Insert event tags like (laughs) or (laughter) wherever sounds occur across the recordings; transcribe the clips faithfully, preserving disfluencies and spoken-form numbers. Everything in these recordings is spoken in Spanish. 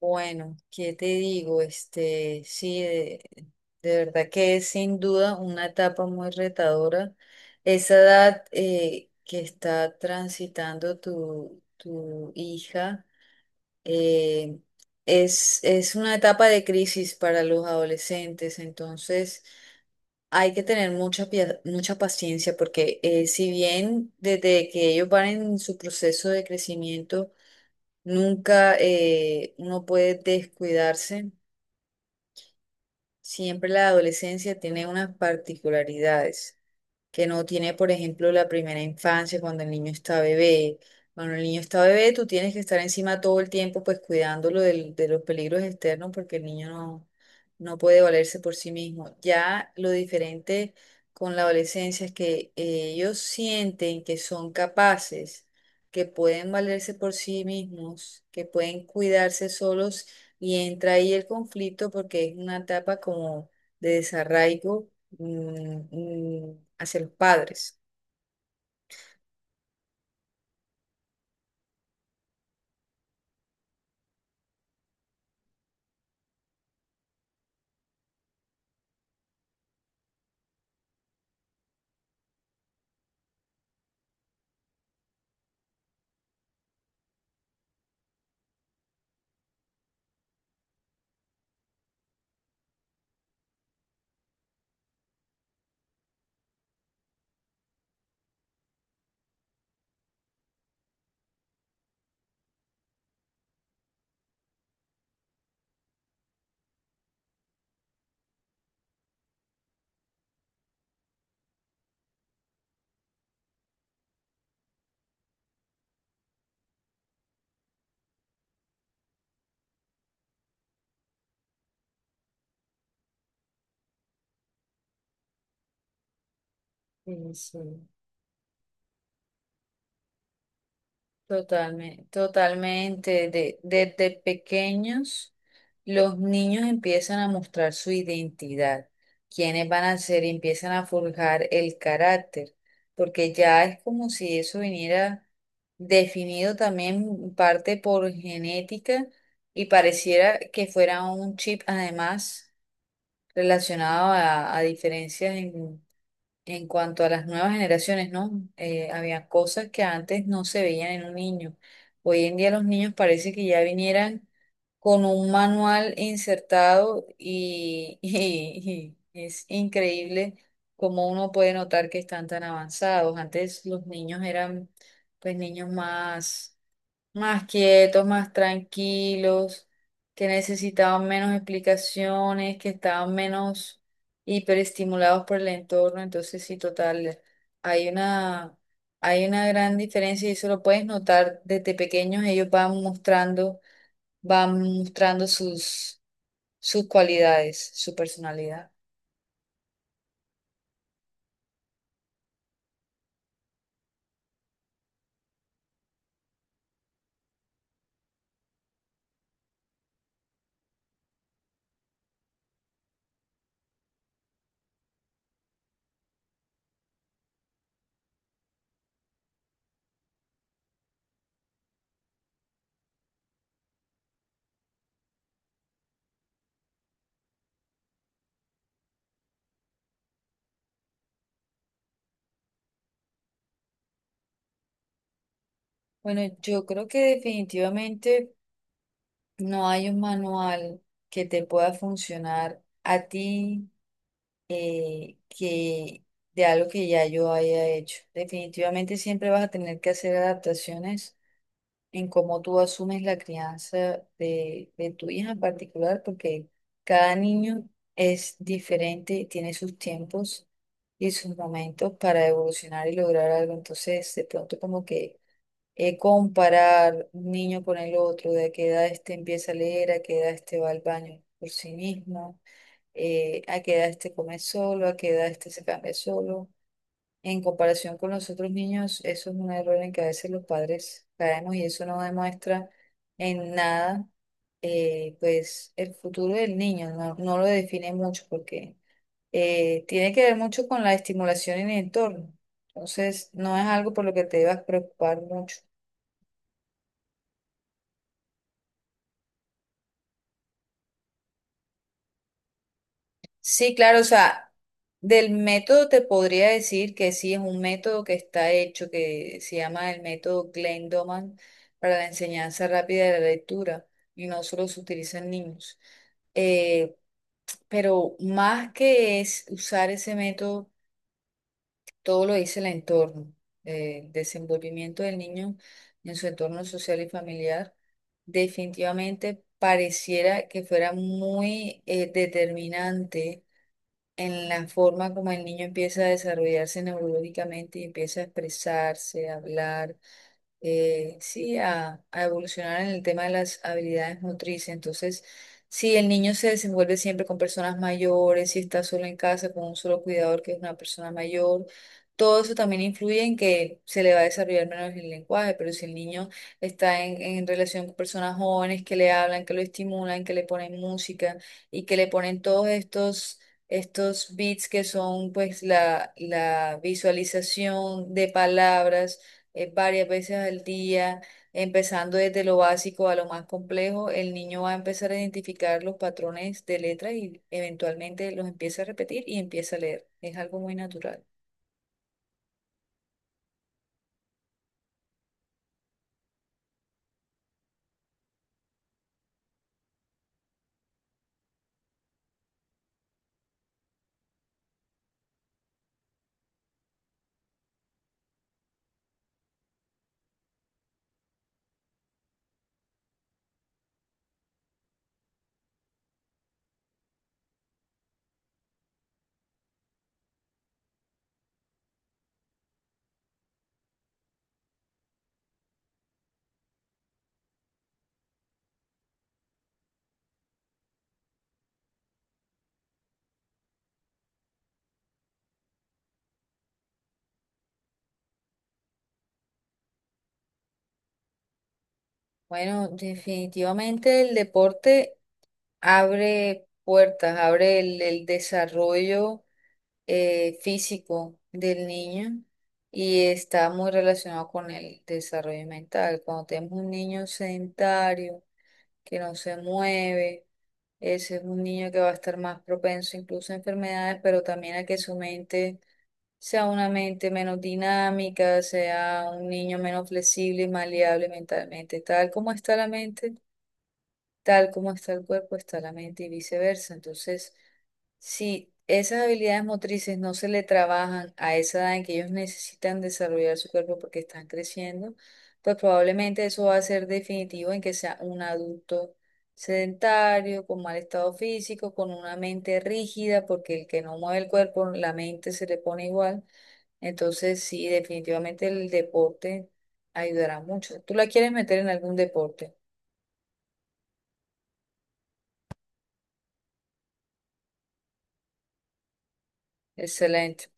Bueno, ¿qué te digo? Este, sí, de, de verdad que es sin duda una etapa muy retadora. Esa edad eh, que está transitando tu, tu hija eh, es, es una etapa de crisis para los adolescentes, entonces hay que tener mucha, pia- mucha paciencia porque eh, si bien desde que ellos van en su proceso de crecimiento, nunca eh, uno puede descuidarse. Siempre la adolescencia tiene unas particularidades que no tiene, por ejemplo, la primera infancia, cuando el niño está bebé. Cuando el niño está bebé, tú tienes que estar encima todo el tiempo, pues cuidándolo del- de los peligros externos, porque el niño no, no puede valerse por sí mismo. Ya lo diferente con la adolescencia es que eh, ellos sienten que son capaces, que pueden valerse por sí mismos, que pueden cuidarse solos, y entra ahí el conflicto porque es una etapa como de desarraigo mm, mm, hacia los padres. Sí, sí, totalmente, totalmente. De, desde pequeños, los niños empiezan a mostrar su identidad, quiénes van a ser, y empiezan a forjar el carácter, porque ya es como si eso viniera definido también en parte por genética y pareciera que fuera un chip además relacionado a, a diferencias en... En cuanto a las nuevas generaciones, ¿no? Eh, había cosas que antes no se veían en un niño. Hoy en día los niños parece que ya vinieran con un manual insertado y, (laughs) y- y es increíble cómo uno puede notar que están tan avanzados. Antes los niños eran pues niños más más quietos, más tranquilos, que necesitaban menos explicaciones, que estaban menos hiperestimulados por el entorno. Entonces, sí, total, hay una, hay una gran diferencia y eso lo puedes notar desde pequeños. Ellos van mostrando, van mostrando sus, sus cualidades, su personalidad. Bueno, yo creo que definitivamente no hay un manual que te pueda funcionar a ti, eh, que de algo que ya yo haya hecho. Definitivamente siempre vas a tener que hacer adaptaciones en cómo tú asumes la crianza de, de tu hija en particular, porque cada niño es diferente, tiene sus tiempos y sus momentos para evolucionar y lograr algo. Entonces, de pronto como que eh, comparar un niño con el otro, de a qué edad este empieza a leer, a qué edad este va al baño por sí mismo, eh, a qué edad este come solo, a qué edad este se cambia solo. En comparación con los otros niños, eso es un error en que a veces los padres caemos y eso no demuestra en nada, eh, pues, el futuro del niño, no, no lo define mucho porque eh, tiene que ver mucho con la estimulación en el entorno. Entonces, no es algo por lo que te debas preocupar mucho. Sí, claro, o sea, del método te podría decir que sí, es un método que está hecho, que se llama el método Glenn Doman para la enseñanza rápida de la lectura, y no solo se utiliza en niños. Eh, pero más que es usar ese método, todo lo dice el entorno, eh, el desenvolvimiento del niño en su entorno social y familiar, definitivamente pareciera que fuera muy eh, determinante en la forma como el niño empieza a desarrollarse neurológicamente y empieza a expresarse, a hablar, eh, sí, a, a evolucionar en el tema de las habilidades motrices. Entonces, si el niño se desenvuelve siempre con personas mayores, si está solo en casa con un solo cuidador que es una persona mayor, todo eso también influye en que se le va a desarrollar menos el lenguaje, pero si el niño está en, en relación con personas jóvenes que le hablan, que lo estimulan, que le ponen música y que le ponen todos estos... estos beats, que son pues la, la visualización de palabras eh, varias veces al día, empezando desde lo básico a lo más complejo, el niño va a empezar a identificar los patrones de letras y eventualmente los empieza a repetir y empieza a leer. Es algo muy natural. Bueno, definitivamente el deporte abre puertas, abre el, el desarrollo eh, físico del niño y está muy relacionado con el desarrollo mental. Cuando tenemos un niño sedentario que no se mueve, ese es un niño que va a estar más propenso incluso a enfermedades, pero también a que su mente sea una mente menos dinámica, sea un niño menos flexible y maleable mentalmente. Tal como está la mente, Tal como está el cuerpo, está la mente y viceversa. Entonces, si esas habilidades motrices no se le trabajan a esa edad en que ellos necesitan desarrollar su cuerpo porque están creciendo, pues probablemente eso va a ser definitivo en que sea un adulto sedentario, con mal estado físico, con una mente rígida, porque el que no mueve el cuerpo, la mente se le pone igual. Entonces, sí, definitivamente el deporte ayudará mucho. ¿Tú la quieres meter en algún deporte? Excelente.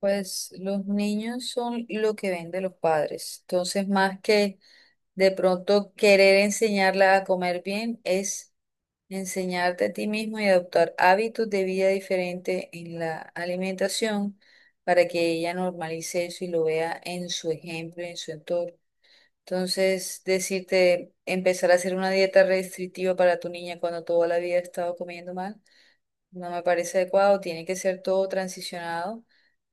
Pues los niños son lo que ven de los padres. Entonces, más que de pronto querer enseñarla a comer bien, es enseñarte a ti mismo y adoptar hábitos de vida diferente en la alimentación para que ella normalice eso y lo vea en su ejemplo, y en su entorno. Entonces, decirte, empezar a hacer una dieta restrictiva para tu niña cuando toda la vida ha estado comiendo mal, no me parece adecuado. Tiene que ser todo transicionado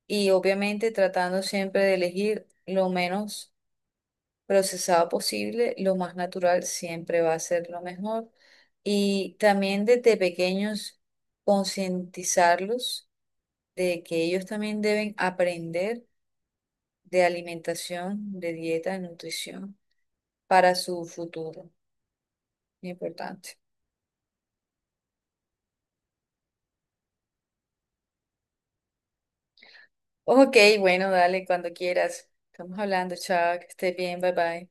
y obviamente tratando siempre de elegir lo menos procesado posible, lo más natural siempre va a ser lo mejor. Y también desde pequeños concientizarlos de que ellos también deben aprender de alimentación, de dieta, de nutrición para su futuro. Muy importante. Ok, bueno, dale cuando quieras. Estamos hablando, chao, que estés bien, bye bye.